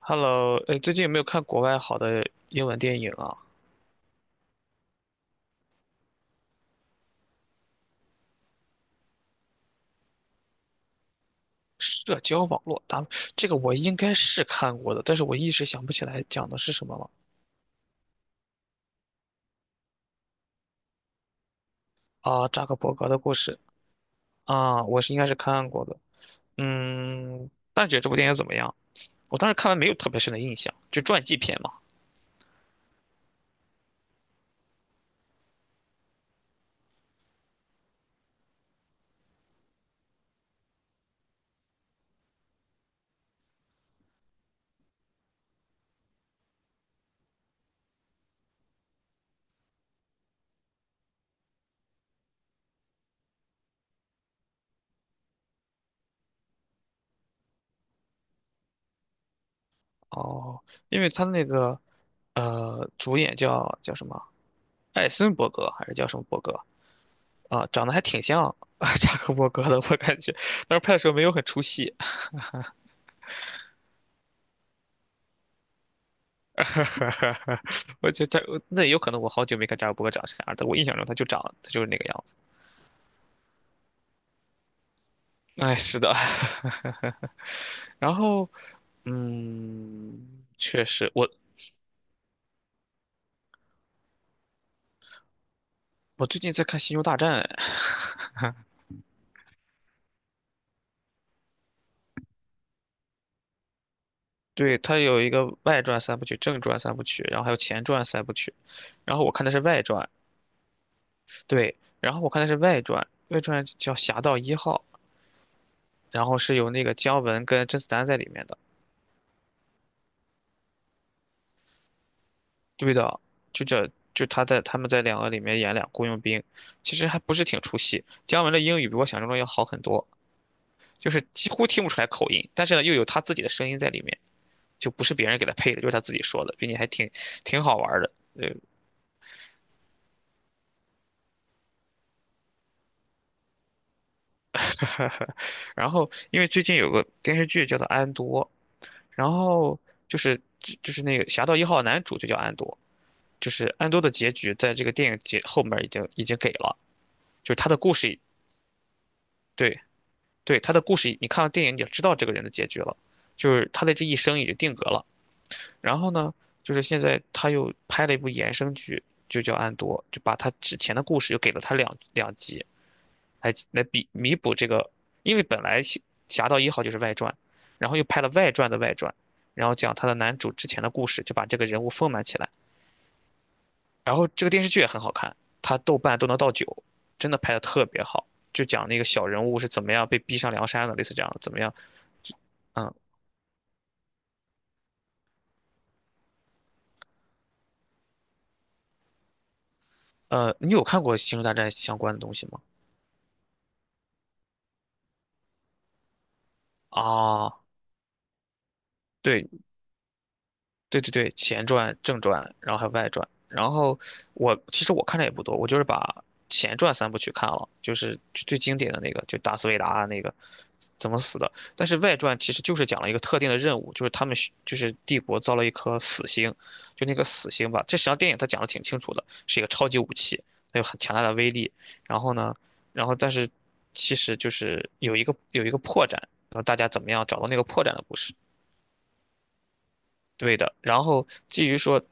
Hello，哎，最近有没有看国外好的英文电影啊？社交网络，咱们这个我应该是看过的，但是我一时想不起来讲的是什么了。啊，扎克伯格的故事啊，我是应该是看过的。大姐这部电影怎么样？我当时看完没有特别深的印象，就传记片嘛。哦，因为他那个主演叫什么？艾森伯格还是叫什么伯格？啊，长得还挺像 扎克伯格的，我感觉，但是拍的时候没有很出戏。哈哈，我觉得他那有可能我好久没看扎克伯格长啥样，但我印象中他就长，他就是那个样子。哎，是的。然后，确实，我最近在看《星球大战》，对，它有一个外传三部曲、正传三部曲，然后还有前传三部曲。然后我看的是外传，对，然后我看的是外传，外传叫《侠盗一号》，然后是有那个姜文跟甄子丹在里面的。对的，就这就他们在两个里面演俩雇佣兵，其实还不是挺出戏。姜文的英语比我想象中要好很多，就是几乎听不出来口音，但是呢又有他自己的声音在里面，就不是别人给他配的，就是他自己说的，并且还挺好玩儿的。然后因为最近有个电视剧叫做《安多》，然后就是那个《侠盗一号》男主就叫安多，就是安多的结局在这个电影结后面已经给了，就是他的故事对。对，他的故事，你看了电影你也知道这个人的结局了，就是他的这一生已经定格了。然后呢，就是现在他又拍了一部衍生剧，就叫《安多》，就把他之前的故事又给了他两集，来比弥补这个，因为本来《侠盗一号》就是外传，然后又拍了外传的外传，然后讲他的男主之前的故事，就把这个人物丰满起来。然后这个电视剧也很好看，他豆瓣都能到九，真的拍的特别好。就讲那个小人物是怎么样被逼上梁山的，类似这样的怎么样，嗯，你有看过《星球大战》相关的东西吗？啊，对，对对对，前传、正传，然后还有外传。然后我其实我看的也不多，我就是把前传三部曲看了，就是最最经典的那个，就达斯维达那个怎么死的。但是外传其实就是讲了一个特定的任务，就是他们需就是帝国造了一颗死星，就那个死星吧。这实际上电影它讲的挺清楚的，是一个超级武器，它有很强大的威力。然后呢，但是其实就是有一个破绽，然后大家怎么样找到那个破绽的故事。对的。然后至于说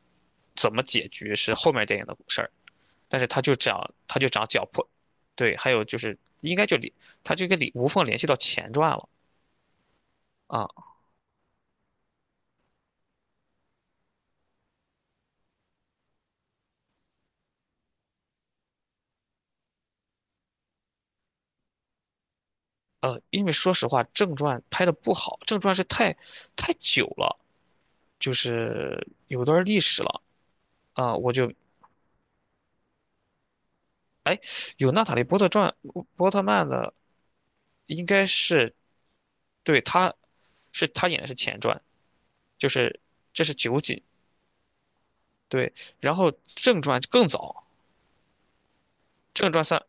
怎么解决是后面电影的事儿，但是他就讲脚破，对，还有就是应该就里他就跟你无缝联系到前传了啊，因为说实话正传拍的不好，正传是太久了，就是有段历史了啊，我就哎有娜塔莉波特曼的应该是对他是他演的是前传，就是这是九几对。然后正传更早，正传三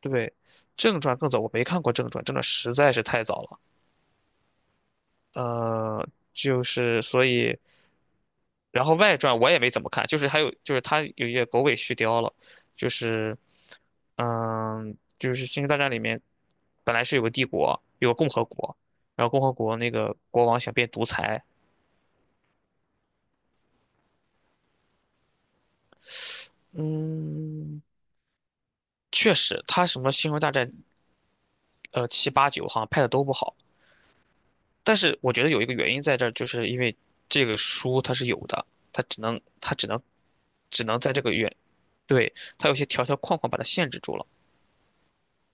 对，正传更早，我没看过正传，正传实在是太早了。呃，就是所以，然后外传我也没怎么看，就是还有就是它有一些狗尾续貂了，就是就是《星球大战》里面本来是有个帝国，有个共和国，然后共和国那个国王想变独裁，嗯，确实他什么《星球大战》七八九好像拍的都不好。但是我觉得有一个原因在这儿，就是因为这个书它是有的，它只能在这个原，对，它有些条条框框把它限制住了。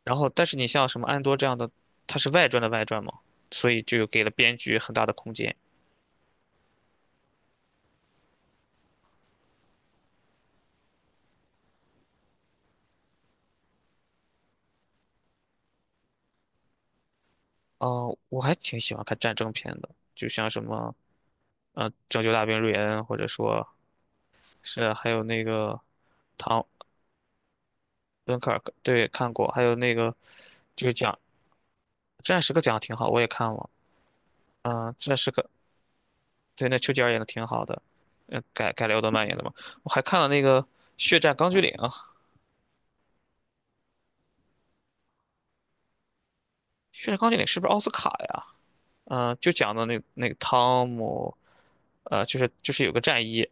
然后，但是你像什么安多这样的，它是外传的外传嘛，所以就给了编剧很大的空间。哦、我还挺喜欢看战争片的，就像什么《拯救大兵瑞恩》，或者说是还有那个唐敦克尔克，对，看过，还有那个就是讲《战时刻》讲的挺好，我也看了。《战时刻》对，那丘吉尔演的挺好的，改了奥特曼演的嘛。我还看了那个《血战钢锯岭》啊，《血战钢锯岭》是不是奥斯卡呀？就讲的那个汤姆，就是有个战衣，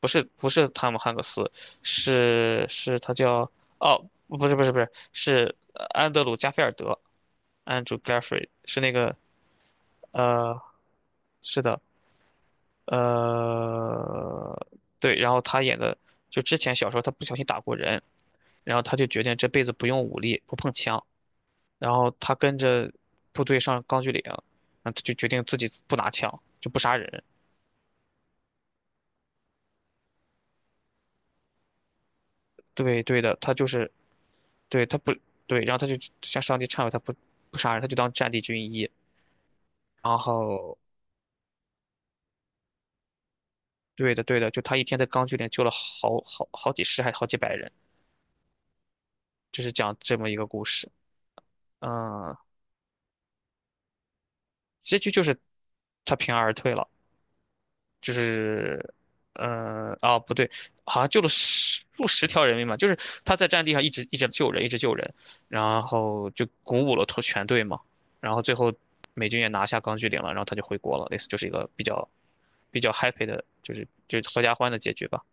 不是不是汤姆汉克斯，是他叫哦，不是不是不是，是安德鲁加菲尔德，Andrew Garfield 是那个呃，是的，呃，对，然后他演的就之前小时候他不小心打过人，然后他就决定这辈子不用武力，不碰枪。然后他跟着部队上钢锯岭，然后他就决定自己不拿枪，就不杀人。对，对的，他就是对他不对，然后他就向上帝忏悔，他不不杀人，他就当战地军医。然后对的，对的，就他一天在钢锯岭救了好几十还好几百人，就是讲这么一个故事。嗯，结局就是他平安而退了，就是，啊，不对，好像救了十数十条人命嘛，就是他在战地上一直一直救人，一直救人，然后就鼓舞了头全队嘛，然后最后美军也拿下钢锯岭了，然后他就回国了，类似就是一个比较 happy 的，就是就是合家欢的结局吧。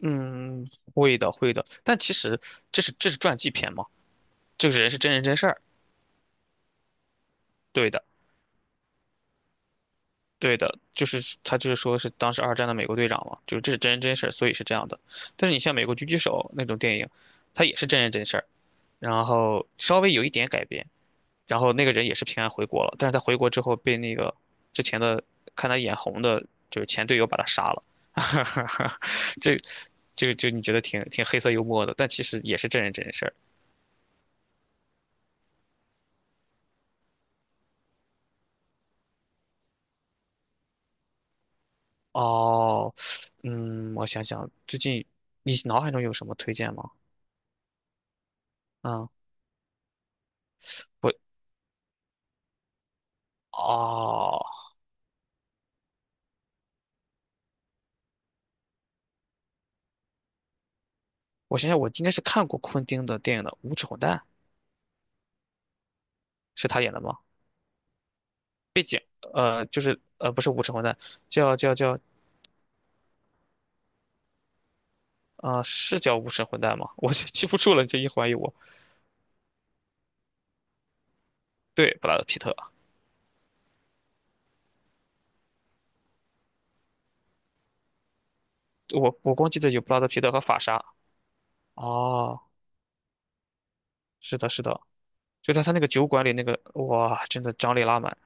嗯，会的，会的，但其实这是传记片嘛，这个人是真人真事儿，对的。对的，就是他就是说是当时二战的美国队长嘛，就是这是真人真事儿，所以是这样的。但是你像美国狙击手那种电影，它也是真人真事儿，然后稍微有一点改编，然后那个人也是平安回国了，但是他回国之后被那个之前的看他眼红的，就是前队友把他杀了，这这个就你觉得挺黑色幽默的，但其实也是真人真事儿。哦，我想想，最近你脑海中有什么推荐吗？嗯，我哦。我想想，我应该是看过昆汀的电影的《无耻混蛋》，是他演的吗？就是不是《无耻混蛋》，叫叫叫，是叫《无耻混蛋》吗？我就记不住了，你这一怀疑我。对，布拉德皮特，我光记得有布拉德皮特和法莎。哦，是的，是的，就在他那个酒馆里那个，哇，真的张力拉满。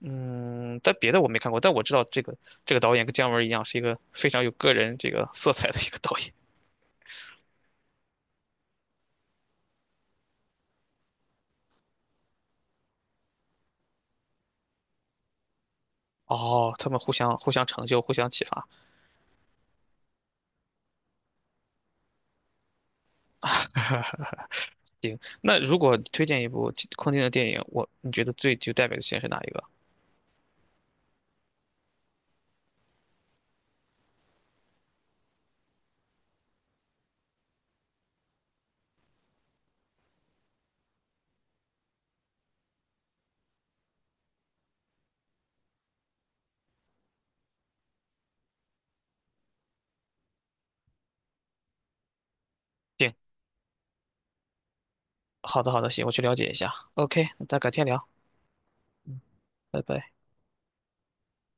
嗯，但别的我没看过，但我知道这个导演跟姜文一样，是一个非常有个人这个色彩的一个导演。哦，他们互相成就，互相启发。那如果推荐一部空汀的电影，我你觉得最具代表性是哪一个？行，好的好的，行，我去了解一下。OK，那咱改天聊，拜拜。